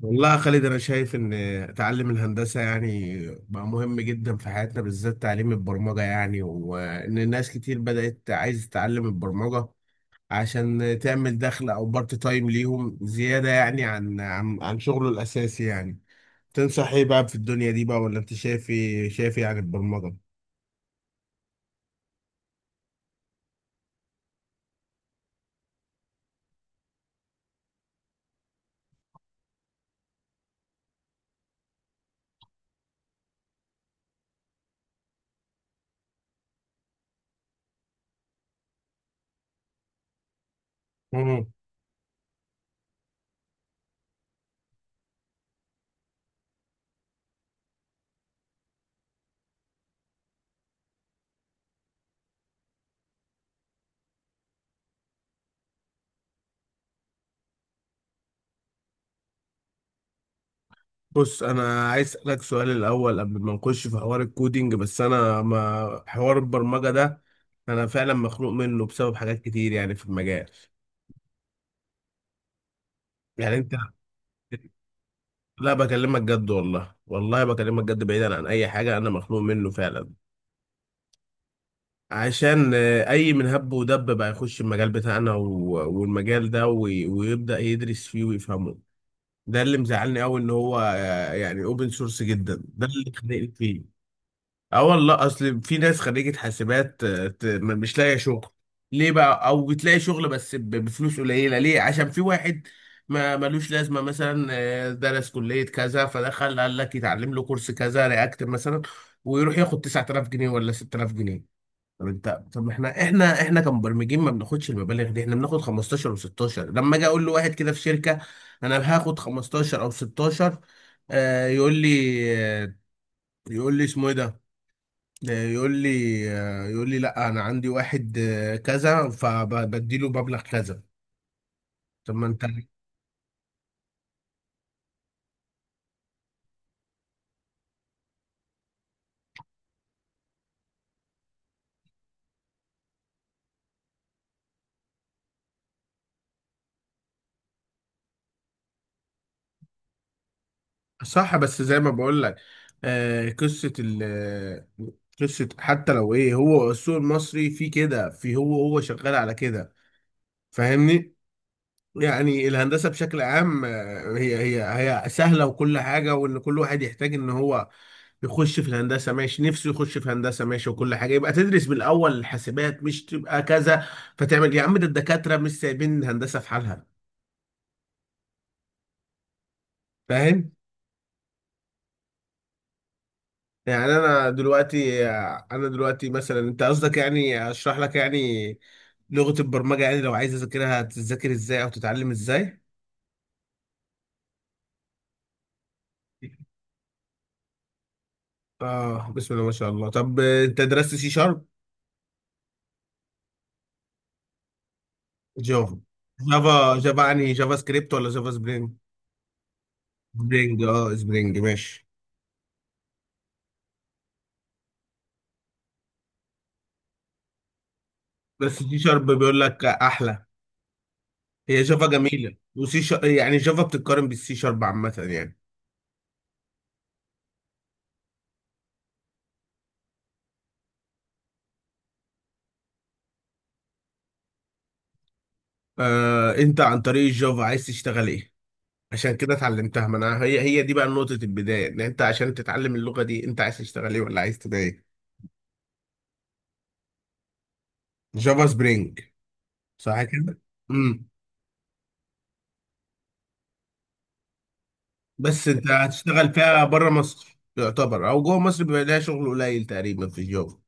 والله يا خالد، انا شايف ان تعلم الهندسه يعني بقى مهم جدا في حياتنا، بالذات تعليم البرمجه يعني، وان الناس كتير بدات عايز تتعلم البرمجه عشان تعمل دخل او بارت تايم ليهم زياده يعني عن شغله الاساسي يعني. تنصح ايه بقى في الدنيا دي بقى؟ ولا انت شايف ايه عن البرمجه؟ بص، انا عايز اسالك سؤال الاول قبل ما نخش في حوار الكودينج، بس انا ما حوار البرمجه ده انا فعلا مخنوق منه بسبب حاجات كتير يعني في المجال. يعني انت، لا بكلمك جد، والله بكلمك جد، بعيدا عن اي حاجه انا مخنوق منه فعلا. عشان اي من هب ودب بقى يخش المجال بتاعنا والمجال ده ويبدا يدرس فيه ويفهمه. ده اللي مزعلني قوي ان هو، يعني اوبن سورس جدا، ده اللي خانقني فيه. اه والله، اصل في ناس خريجة حاسبات مش لاقية شغل ليه بقى، او بتلاقي شغل بس بفلوس قليلة. ليه؟ عشان في واحد ما ملوش لازمة، مثلا درس كلية كذا فدخل قال لك يتعلم له كورس كذا، رياكت مثلا، ويروح ياخد 9000 جنيه ولا 6000 جنيه. طب انت، طب ما احنا كمبرمجين ما بناخدش المبالغ دي، احنا بناخد 15 و16. لما اجي اقول لواحد كده في شركة انا هاخد 15 او 16، يقول لي، آه، يقول لي اسمه ايه ده، ده يقول لي، يقول لي لا انا عندي واحد كذا فبديله مبلغ كذا. طب ما انت، صح بس زي ما بقول لك، آه، قصه ال قصه حتى لو ايه، هو السوق المصري فيه كده، في هو شغال على كده، فاهمني؟ يعني الهندسة بشكل عام هي سهلة وكل حاجة، وإن كل واحد يحتاج إن هو يخش في الهندسة ماشي، نفسه يخش في هندسة ماشي، وكل حاجة يبقى تدرس من الأول، الحاسبات مش تبقى كذا فتعمل يا عم. ده الدكاترة مش سايبين الهندسة في حالها، فاهم؟ يعني أنا دلوقتي، أنا دلوقتي مثلا أنت قصدك يعني أشرح لك يعني لغة البرمجة، يعني لو عايز أذاكرها تذاكر إزاي أو تتعلم إزاي؟ آه، بسم الله ما شاء الله. طب أنت درست سي شارب؟ جافا. جافا يعني جافا سكريبت ولا جافا سبرينج؟ سبرينج، اه سبرينج ماشي. بس سي شارب بيقول لك احلى. هي جافا جميله، وسي شارب يعني جافا بتتقارن بالسي شارب عامه يعني. آه، انت عن طريق الجافا عايز تشتغل ايه عشان كده اتعلمتها؟ ما انا هي دي بقى نقطه البدايه، ان انت عشان تتعلم اللغه دي انت عايز تشتغل ايه ولا عايز تبقى ايه. جافا سبرينج، صح كده؟ امم، بس انت هتشتغل فيها بره مصر يعتبر، او جوه مصر بيبقى لها شغل قليل تقريبا في الجافا.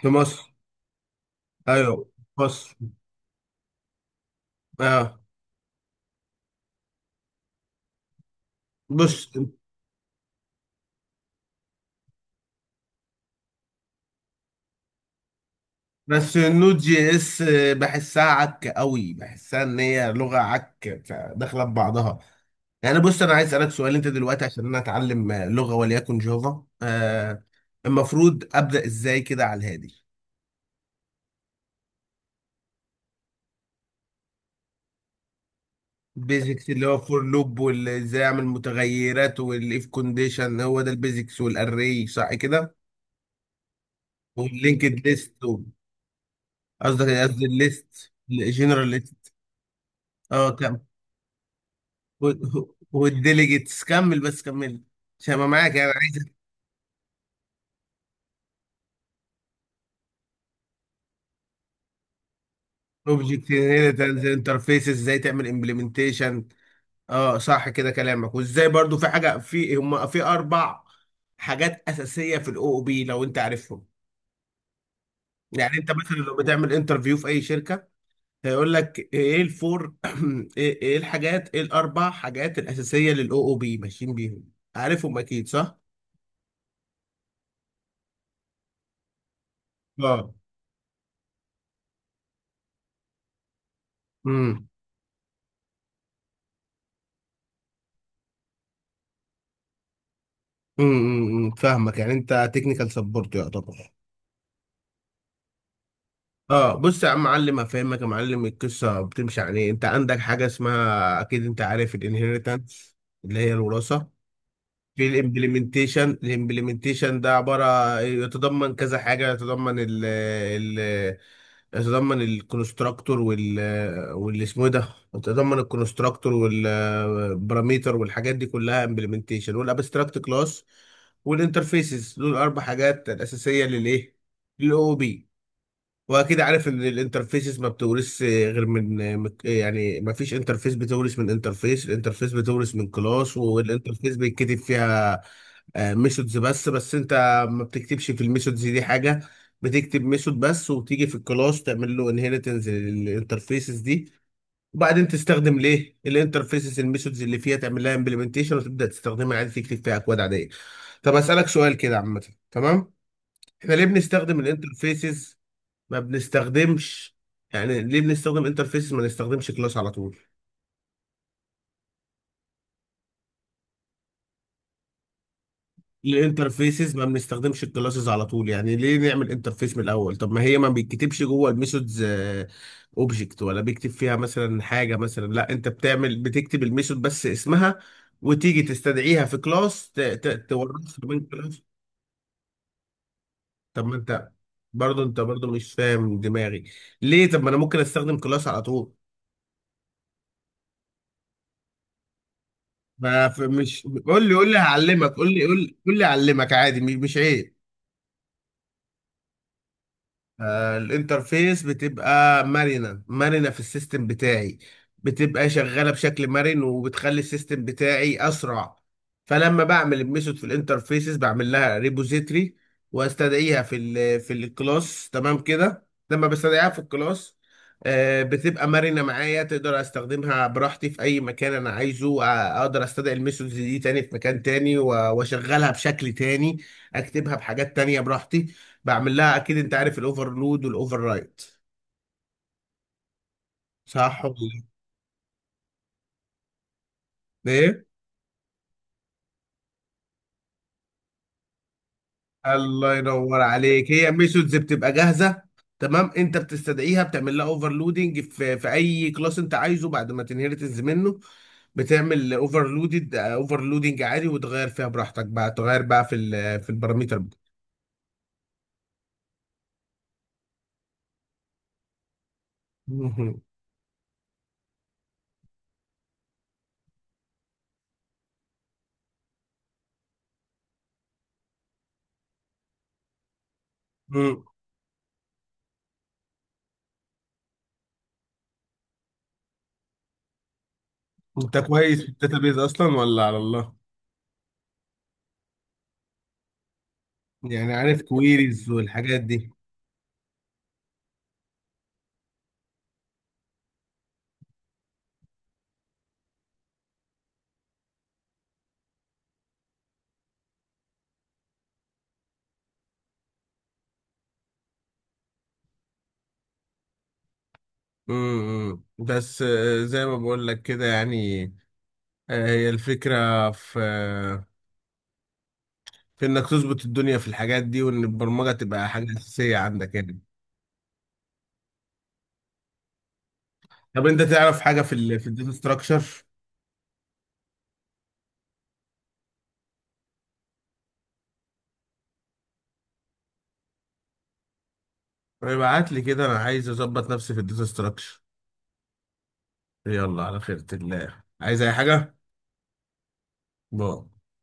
في مصر، ايوه. بص، اه، بص، بس النود جي اس بحسها عك قوي، بحسها ان هي لغه عك داخله ببعضها. يعني بص، انا عايز اسالك سؤال. انت دلوقتي عشان انا اتعلم لغه وليكن جافا آه، المفروض ابدا ازاي كده على الهادي؟ البيزكس اللي هو فور لوب، وازاي اعمل متغيرات، والاف كونديشن، هو ده البيزكس والاري، صح كده؟ واللينكد ليست، قصدي الليست، الجنرال ليست. اه كمل، و- والديليجيتس، كمل بس كمل عشان ما معاك يعني، عايز اوبجكت، هنا تنزل انترفيس، ازاي تعمل امبلمنتيشن. اه صح كده كلامك. وازاي برضو في حاجه في اربع حاجات اساسيه في الاو او بي، لو انت عارفهم. يعني انت مثلا لو بتعمل انترفيو في اي شركه هيقول لك ايه الفور ايه إيه الحاجات ايه الاربع حاجات الاساسيه للاو او بي، ماشيين بيهم عارفهم اكيد صح؟ اه. امم. امم أمم، فاهمك، يعني انت تكنيكال سبورت يعتبر. اه بص يا عم معلم، هفهمك يا معلم. القصه بتمشي عن ايه، انت عندك حاجه اسمها، اكيد انت عارف الانهيرتنس اللي هي الوراثه. في الامبلمنتيشن، ده عباره يتضمن كذا حاجه، يتضمن ال ال يتضمن الكونستراكتور، وال واللي اسمه إيه ده يتضمن الكونستراكتور والباراميتر والحاجات دي كلها امبلمنتيشن، والابستراكت كلاس والانترفيسز، دول اربع حاجات الاساسيه للاو بي. واكيد عارف ان الانترفيسز ما بتورث غير يعني ما فيش انترفيس بتورث من انترفيس، الانترفيس بتورث من كلاس. والانترفيس بيتكتب فيها ميثودز بس، انت ما بتكتبش في الميثودز دي حاجه، بتكتب ميثود بس وتيجي في الكلاس تعمل له انهيرتنس للانترفيسز دي، وبعدين تستخدم ليه الانترفيسز، الميثودز اللي فيها تعمل لها امبلمنتيشن وتبدا تستخدمها عادي، تكتب فيها اكواد عاديه. طب اسالك سؤال كده عامه، تمام، احنا ليه بنستخدم الانترفيسز؟ ما بنستخدمش، يعني ليه بنستخدم انترفيسز ما نستخدمش كلاس على طول؟ ليه انترفيسز ما بنستخدمش الكلاسز على طول؟ يعني ليه نعمل انترفيس من الاول؟ طب ما هي ما بيتكتبش جوه الميثودز اوبجكت، ولا بيكتب فيها مثلا حاجه؟ مثلا لا، انت بتعمل بتكتب الميثود بس اسمها، وتيجي تستدعيها في كلاس، تورثها من كلاس. طب ما انت، برضه مش فاهم دماغي ليه. طب ما انا ممكن استخدم كلاس على طول. ما ف- مش قول لي، هعلمك، قول لي، هعلمك عادي، مش عيب. آه، الانترفيس بتبقى مرنة، في السيستم بتاعي، بتبقى شغالة بشكل مرن، وبتخلي السيستم بتاعي أسرع. فلما بعمل الميثود في الانترفيسز، بعمل لها ريبوزيتري واستدعيها في الكلاس. تمام كده، لما بستدعيها في الكلاس بتبقى مرنة معايا، تقدر استخدمها براحتي في اي مكان انا عايزه. اقدر استدعي الميثودز دي تاني في مكان تاني، واشغلها بشكل تاني، اكتبها بحاجات تانية براحتي، بعمل لها، اكيد انت عارف الاوفرلود والاوفر رايت، صح ولا إيه؟ ايه، الله ينور عليك. هي ميثودز بتبقى جاهزه، تمام، انت بتستدعيها بتعمل لها اوفرلودنج في اي كلاس انت عايزه بعد ما تنهرتنز منه، بتعمل اوفرلودنج عادي، وتغير فيها براحتك بقى، تغير بقى في الباراميتر بقى. مهم. مم. انت كويس في الداتابيز اصلا ولا على الله؟ يعني عارف كويريز والحاجات دي. امم، بس زي ما بقول لك كده يعني، هي الفكرة في انك تظبط الدنيا في الحاجات دي، وان البرمجة تبقى حاجة اساسية عندك يعني. طب انت تعرف حاجة في الداتا ستراكشر؟ ابعت لي كده، انا عايز اظبط نفسي في الداتا ستراكشر. يلا على خيرة الله، عايز اي حاجة؟ باي.